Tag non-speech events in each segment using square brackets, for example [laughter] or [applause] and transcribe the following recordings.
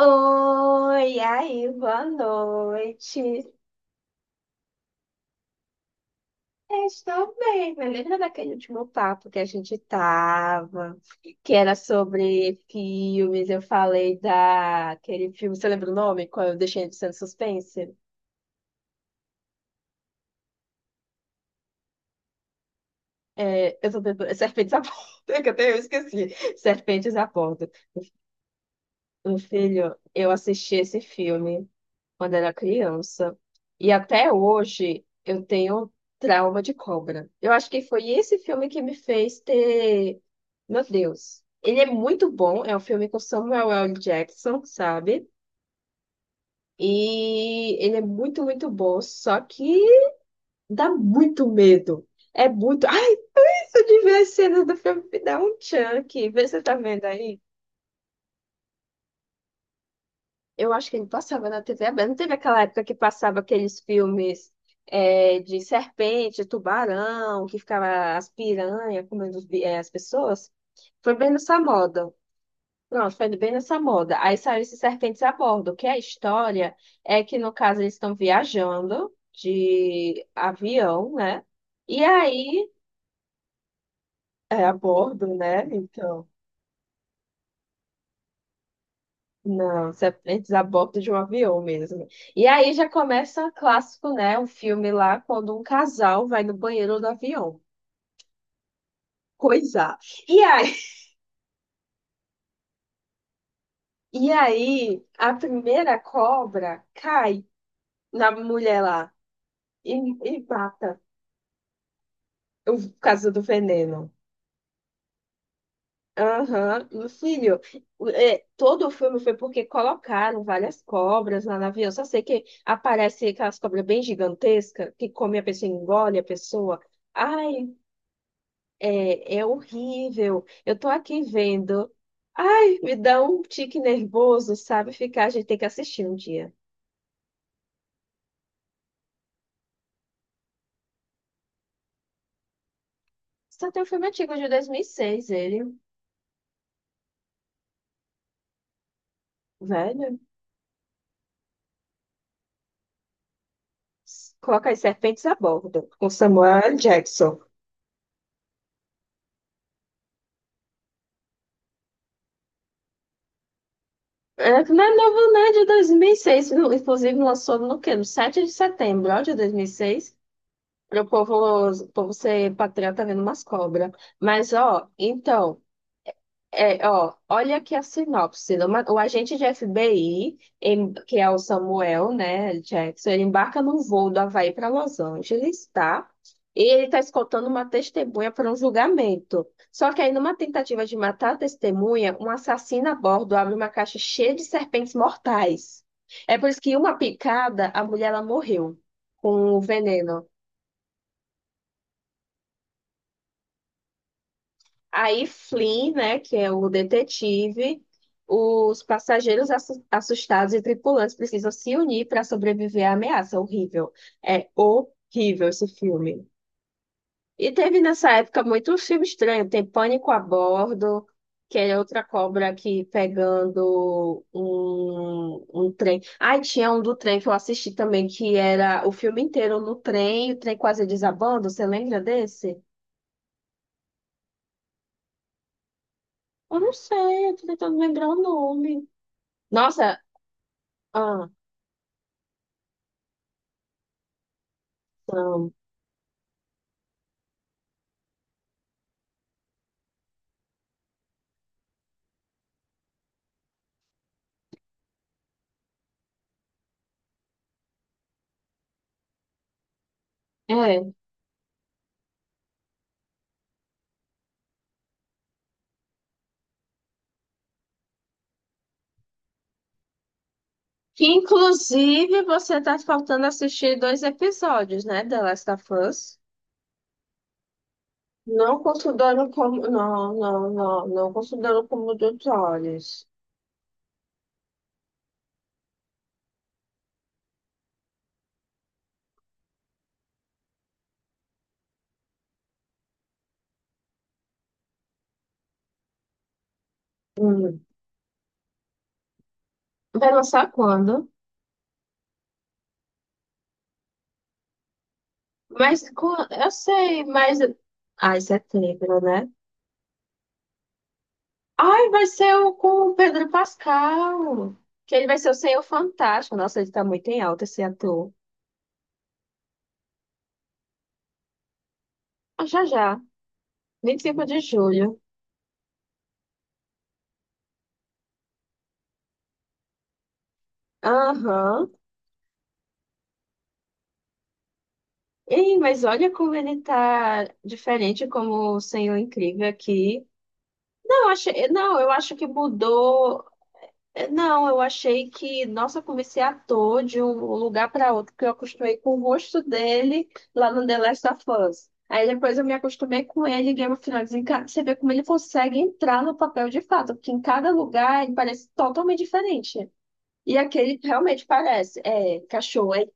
Oi, aí, boa noite. Eu estou bem, mas lembra daquele último papo que a gente tava, que era sobre filmes? Eu falei daquele filme, você lembra o nome? Qual eu deixei de ser suspense? É, Serpentes à [laughs] Bordo, que até eu esqueci. Serpentes à Bordo. Meu filho, eu assisti esse filme quando era criança. E até hoje eu tenho trauma de cobra. Eu acho que foi esse filme que me fez ter. Meu Deus. Ele é muito bom. É um filme com Samuel L. Jackson, sabe? E ele é muito, muito bom. Só que dá muito medo. É muito. Ai, se eu tiver a cena do filme, me dá um chunk. Vê se você tá vendo aí. Eu acho que ele passava na TV aberta. Não teve aquela época que passava aqueles filmes é, de serpente, tubarão, que ficava as piranhas comendo as pessoas? Foi bem nessa moda. Pronto, foi bem nessa moda. Aí saiu esses serpentes a bordo, que a história é que, no caso, eles estão viajando de avião, né? E aí, é a bordo, né? Então. Não, você aprende a bordo de um avião mesmo. E aí já começa o clássico, né? Um filme lá quando um casal vai no banheiro do avião. Coisa. E aí, [laughs] e aí a primeira cobra cai na mulher lá e, e mata o caso do veneno. Aham, meu filho. É, todo o filme foi porque colocaram várias cobras lá no avião. Só sei que aparece aquelas cobras bem gigantescas que come a pessoa, e engole a pessoa. Ai, é horrível. Eu tô aqui vendo. Ai, me dá um tique nervoso, sabe? Ficar, a gente tem que assistir um dia. Só tem um filme antigo de 2006, ele, velho. Coloca as serpentes a bordo, com Samuel L. Jackson. É, não é novo, né? De 2006. Inclusive, lançou no quê? No 7 de setembro, ó, de 2006. Para o povo ser patriota vendo umas cobras. Mas, ó, então. É, ó, olha aqui a sinopse. O agente de FBI, que é o Samuel, né, Jackson, ele embarca num voo do Havaí para Los Angeles, tá? E ele está escoltando uma testemunha para um julgamento. Só que aí, numa tentativa de matar a testemunha, um assassino a bordo abre uma caixa cheia de serpentes mortais. É por isso que, em uma picada, a mulher ela morreu com o veneno. Aí Flynn, né, que é o detetive, os passageiros assustados e tripulantes precisam se unir para sobreviver à ameaça. Horrível. É horrível esse filme. E teve nessa época muito filme estranho. Tem Pânico a Bordo, que é outra cobra aqui pegando um trem. Ai, tinha um do trem que eu assisti também, que era o filme inteiro no trem, o trem quase desabando. Você lembra desse? Eu não sei, eu tô tentando lembrar o nome. Nossa, ah, não. É. Que inclusive você tá faltando assistir dois episódios, né, The Last of Us? Não considerando como. Não, não, não, não considerando como dos olhos. Hum. Vai lançar quando? Mas eu sei, mas. Ai, setembro, né? Ai, vai ser o com o Pedro Pascal. Que ele vai ser o Senhor Fantástico. Nossa, ele tá muito em alta esse ator. Ah, já já. 25 de julho. Aham. Ei, mas olha como ele tá diferente como o Senhor Incrível aqui. Não, eu achei, não, eu acho que mudou. É, não, eu achei que, nossa, eu comecei a ator de um lugar para outro, porque eu acostumei com o rosto dele lá no The Last of Us. Aí depois eu me acostumei com ele em Game of Thrones. Você vê como ele consegue entrar no papel de fato, porque em cada lugar ele parece totalmente diferente. E aquele realmente parece, é, cachorro, é,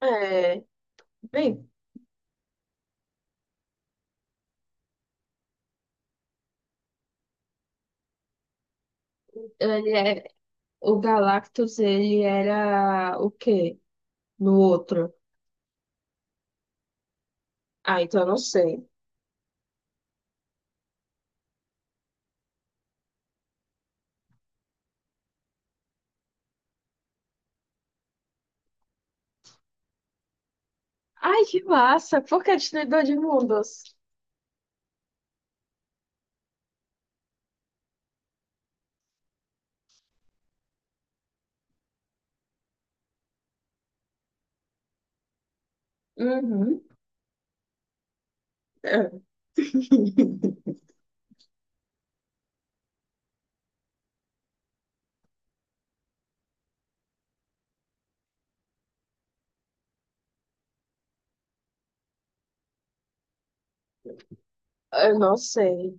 é, bem. O Galactus, ele era o quê? No outro? Ah, então eu não sei. Ai, que massa! Por que destruidor de mundos? Uhum. É, eu não sei.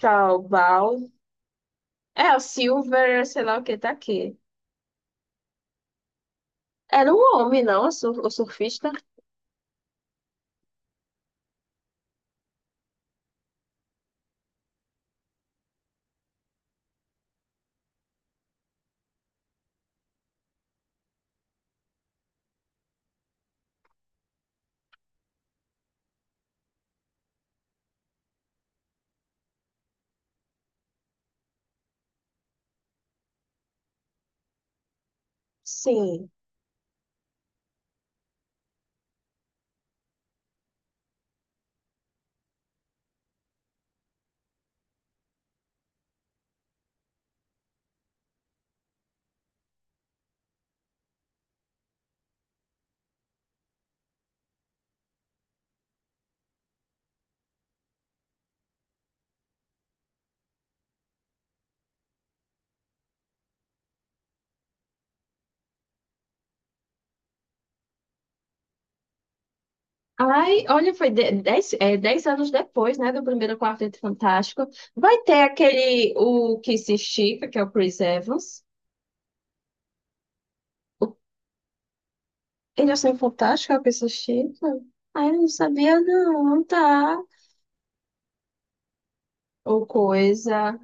Tá, o Baal. É, o Silver, sei lá o que tá aqui. Era um homem, não? O surfista? Sim. Ai, olha, foi dez anos depois, né, do primeiro Quarteto Fantástico. Vai ter aquele, o que se estica, que é o Chris Evans. Ele achou fantástico, a pessoa chique. Ah, eu não sabia, não, tá? Ou coisa.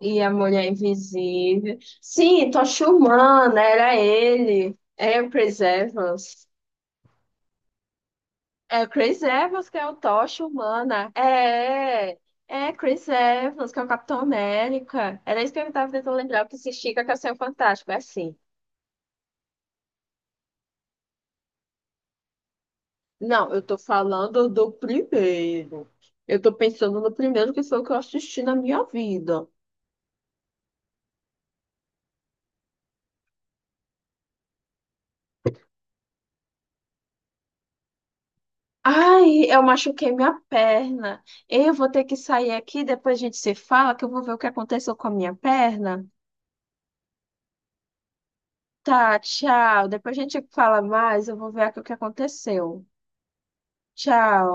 E a mulher invisível. Sim, Tocha Humana, era ele. É o Chris Evans. É o Chris Evans que é o Tocha Humana. É Chris Evans, que é o Capitão América. Era isso que eu tava tentando lembrar, que se estica que é o Fantástico. É assim. Não, eu tô falando do primeiro. Eu tô pensando no primeiro que foi o que eu assisti na minha vida. Ai, eu machuquei minha perna. Eu vou ter que sair aqui, depois a gente se fala, que eu vou ver o que aconteceu com a minha perna. Tá, tchau. Depois a gente fala mais, eu vou ver aqui o que aconteceu. Tchau.